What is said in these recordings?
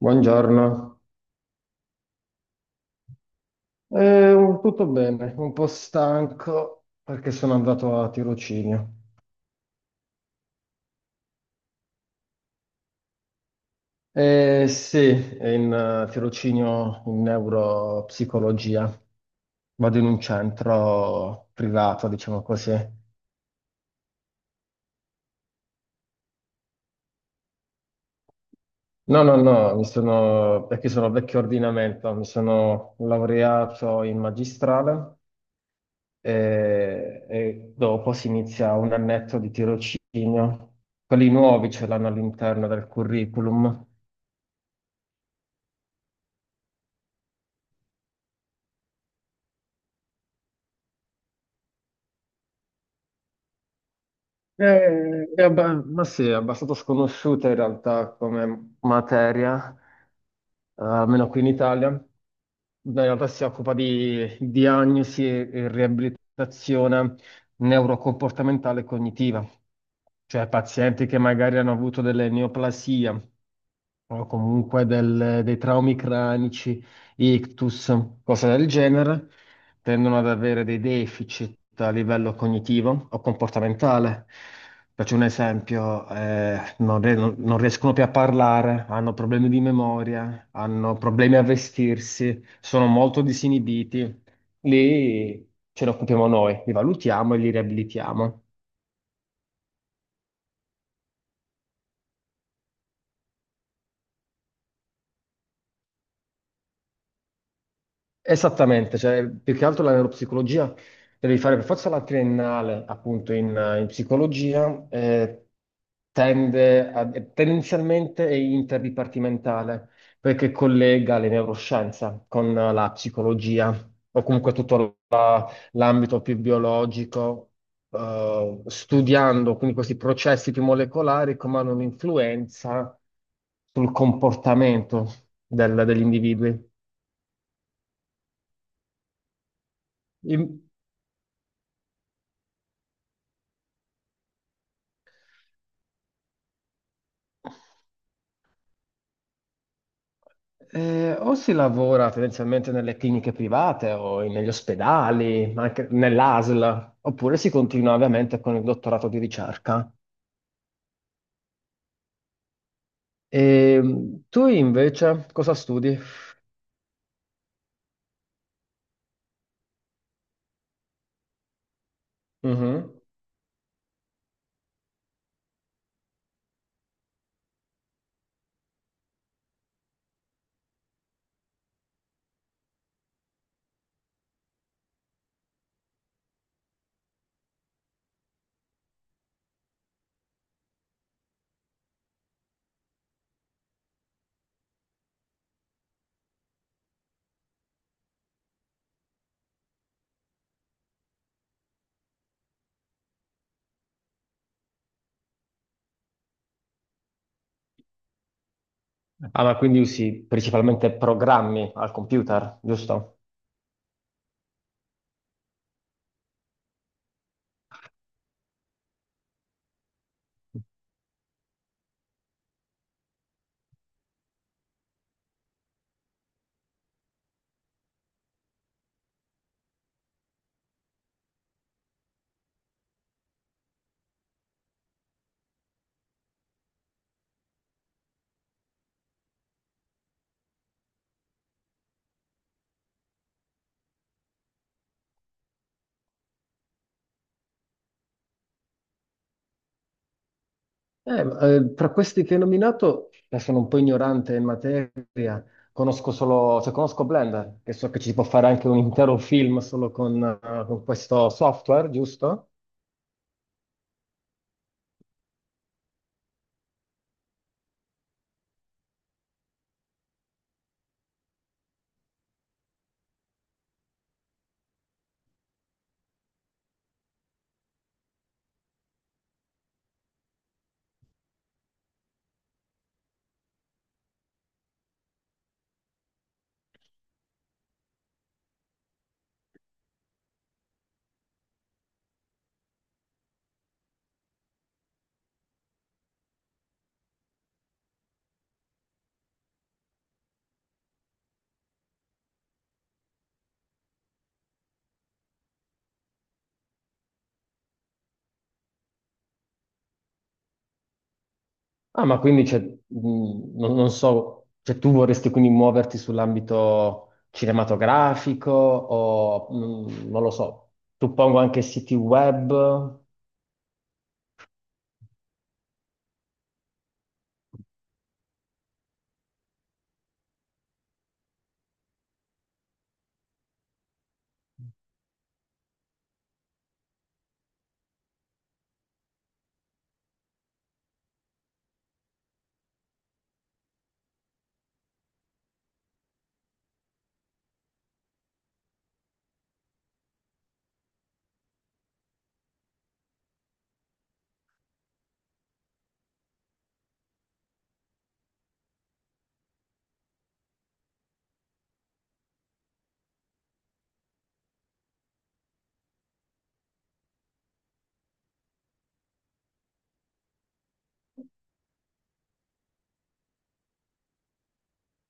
Buongiorno. Tutto bene, un po' stanco perché sono andato a tirocinio. Sì, è in tirocinio in neuropsicologia, vado in un centro privato, diciamo così. No, no, no, mi sono, perché sono vecchio ordinamento, mi sono laureato in magistrale e dopo si inizia un annetto di tirocinio. Quelli nuovi ce l'hanno all'interno del curriculum. Ma sì, è abbastanza sconosciuta in realtà come materia, almeno qui in Italia. In realtà si occupa di diagnosi e riabilitazione neurocomportamentale e cognitiva, cioè pazienti che magari hanno avuto delle neoplasie o comunque dei traumi cranici, ictus, cose del genere, tendono ad avere dei deficit a livello cognitivo o comportamentale. Faccio un esempio, non, non riescono più a parlare, hanno problemi di memoria, hanno problemi a vestirsi, sono molto disinibiti. Lì ce ne occupiamo noi, li valutiamo e li riabilitiamo. Esattamente, cioè, più che altro la neuropsicologia devi fare per forza la triennale appunto in psicologia, tendenzialmente è interdipartimentale perché collega le neuroscienze con la psicologia o comunque tutto l'ambito più biologico, studiando quindi questi processi più molecolari come hanno un'influenza sul comportamento degli individui. O si lavora tendenzialmente nelle cliniche private o negli ospedali, ma anche nell'ASL, oppure si continua ovviamente con il dottorato di ricerca. E tu invece cosa studi? Mhm. Ah, ma quindi usi principalmente programmi al computer, giusto? Tra questi che hai nominato, sono un po' ignorante in materia, conosco solo, cioè conosco Blender, che so che ci si può fare anche un intero film solo con questo software, giusto? Ah, non so, cioè tu vorresti quindi muoverti sull'ambito cinematografico o non lo so, suppongo anche siti web.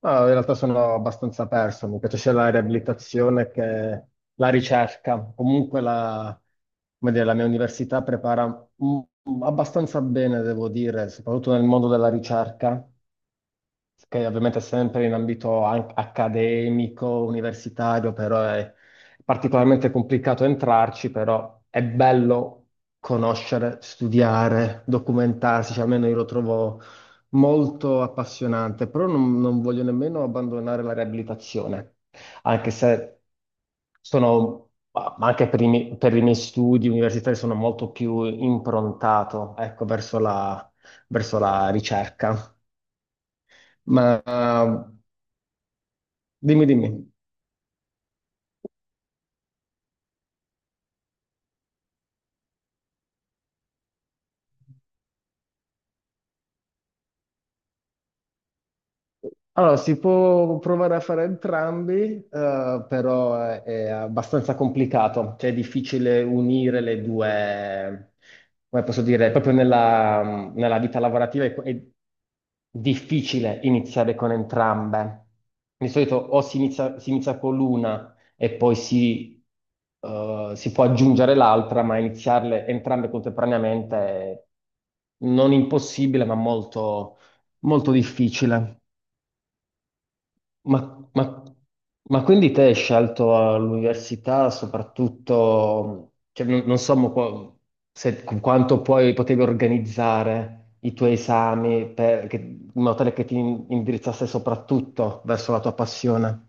Ah, in realtà sono abbastanza perso, mi piace sia la riabilitazione che la ricerca. Comunque come dire, la mia università prepara abbastanza bene, devo dire, soprattutto nel mondo della ricerca, che ovviamente è sempre in ambito accademico, universitario, però è particolarmente complicato entrarci, però è bello conoscere, studiare, documentarsi, cioè almeno io lo trovo molto appassionante, però non voglio nemmeno abbandonare la riabilitazione, anche se sono, ma anche per i miei studi universitari sono molto più improntato, ecco, verso la ricerca. Ma Dimmi, dimmi. Allora, si può provare a fare entrambi, però è abbastanza complicato, cioè è difficile unire le due, come posso dire, proprio nella vita lavorativa è difficile iniziare con entrambe. Di solito si inizia con l'una e poi si può aggiungere l'altra, ma iniziarle entrambe contemporaneamente è non impossibile, ma molto difficile. Ma, ma- ma quindi te hai scelto all'università soprattutto, cioè, non so mo se, con quanto poi potevi organizzare i tuoi esami in modo tale che ti indirizzasse soprattutto verso la tua passione.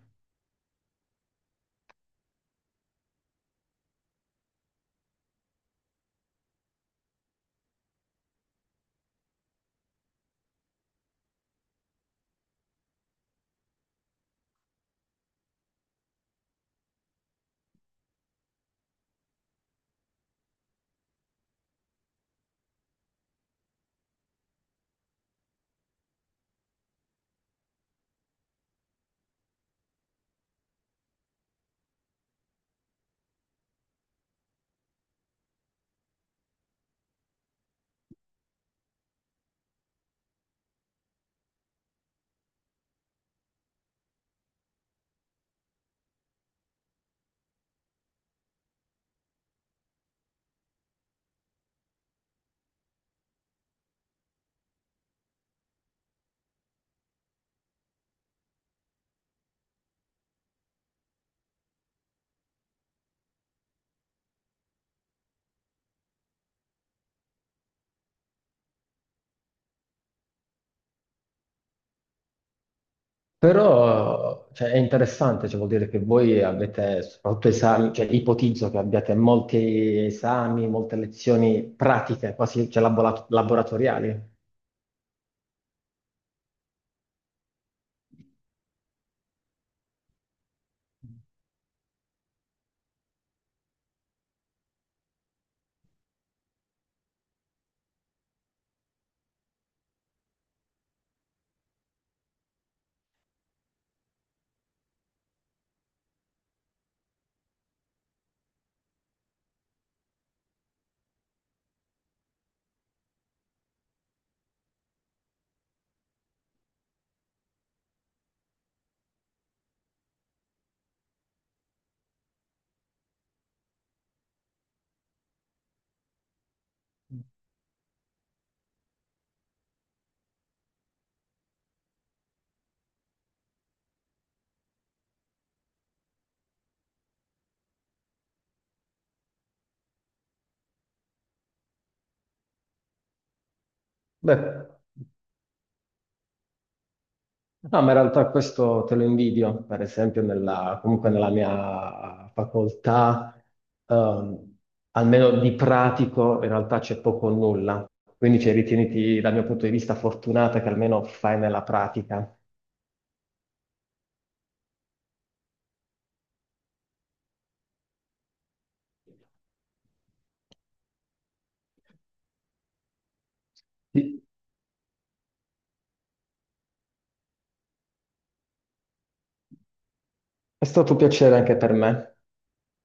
Però, cioè, è interessante, cioè, vuol dire che voi avete soprattutto esami, cioè, ipotizzo che abbiate molti esami, molte lezioni pratiche, quasi, cioè, laboratoriali. Beh. No, ma in realtà questo te lo invidio, per esempio comunque nella mia facoltà, ehm, almeno di pratico, in realtà c'è poco o nulla. Quindi cioè, ritieniti, dal mio punto di vista, fortunata che almeno fai nella pratica. Sì. È stato un piacere anche per me.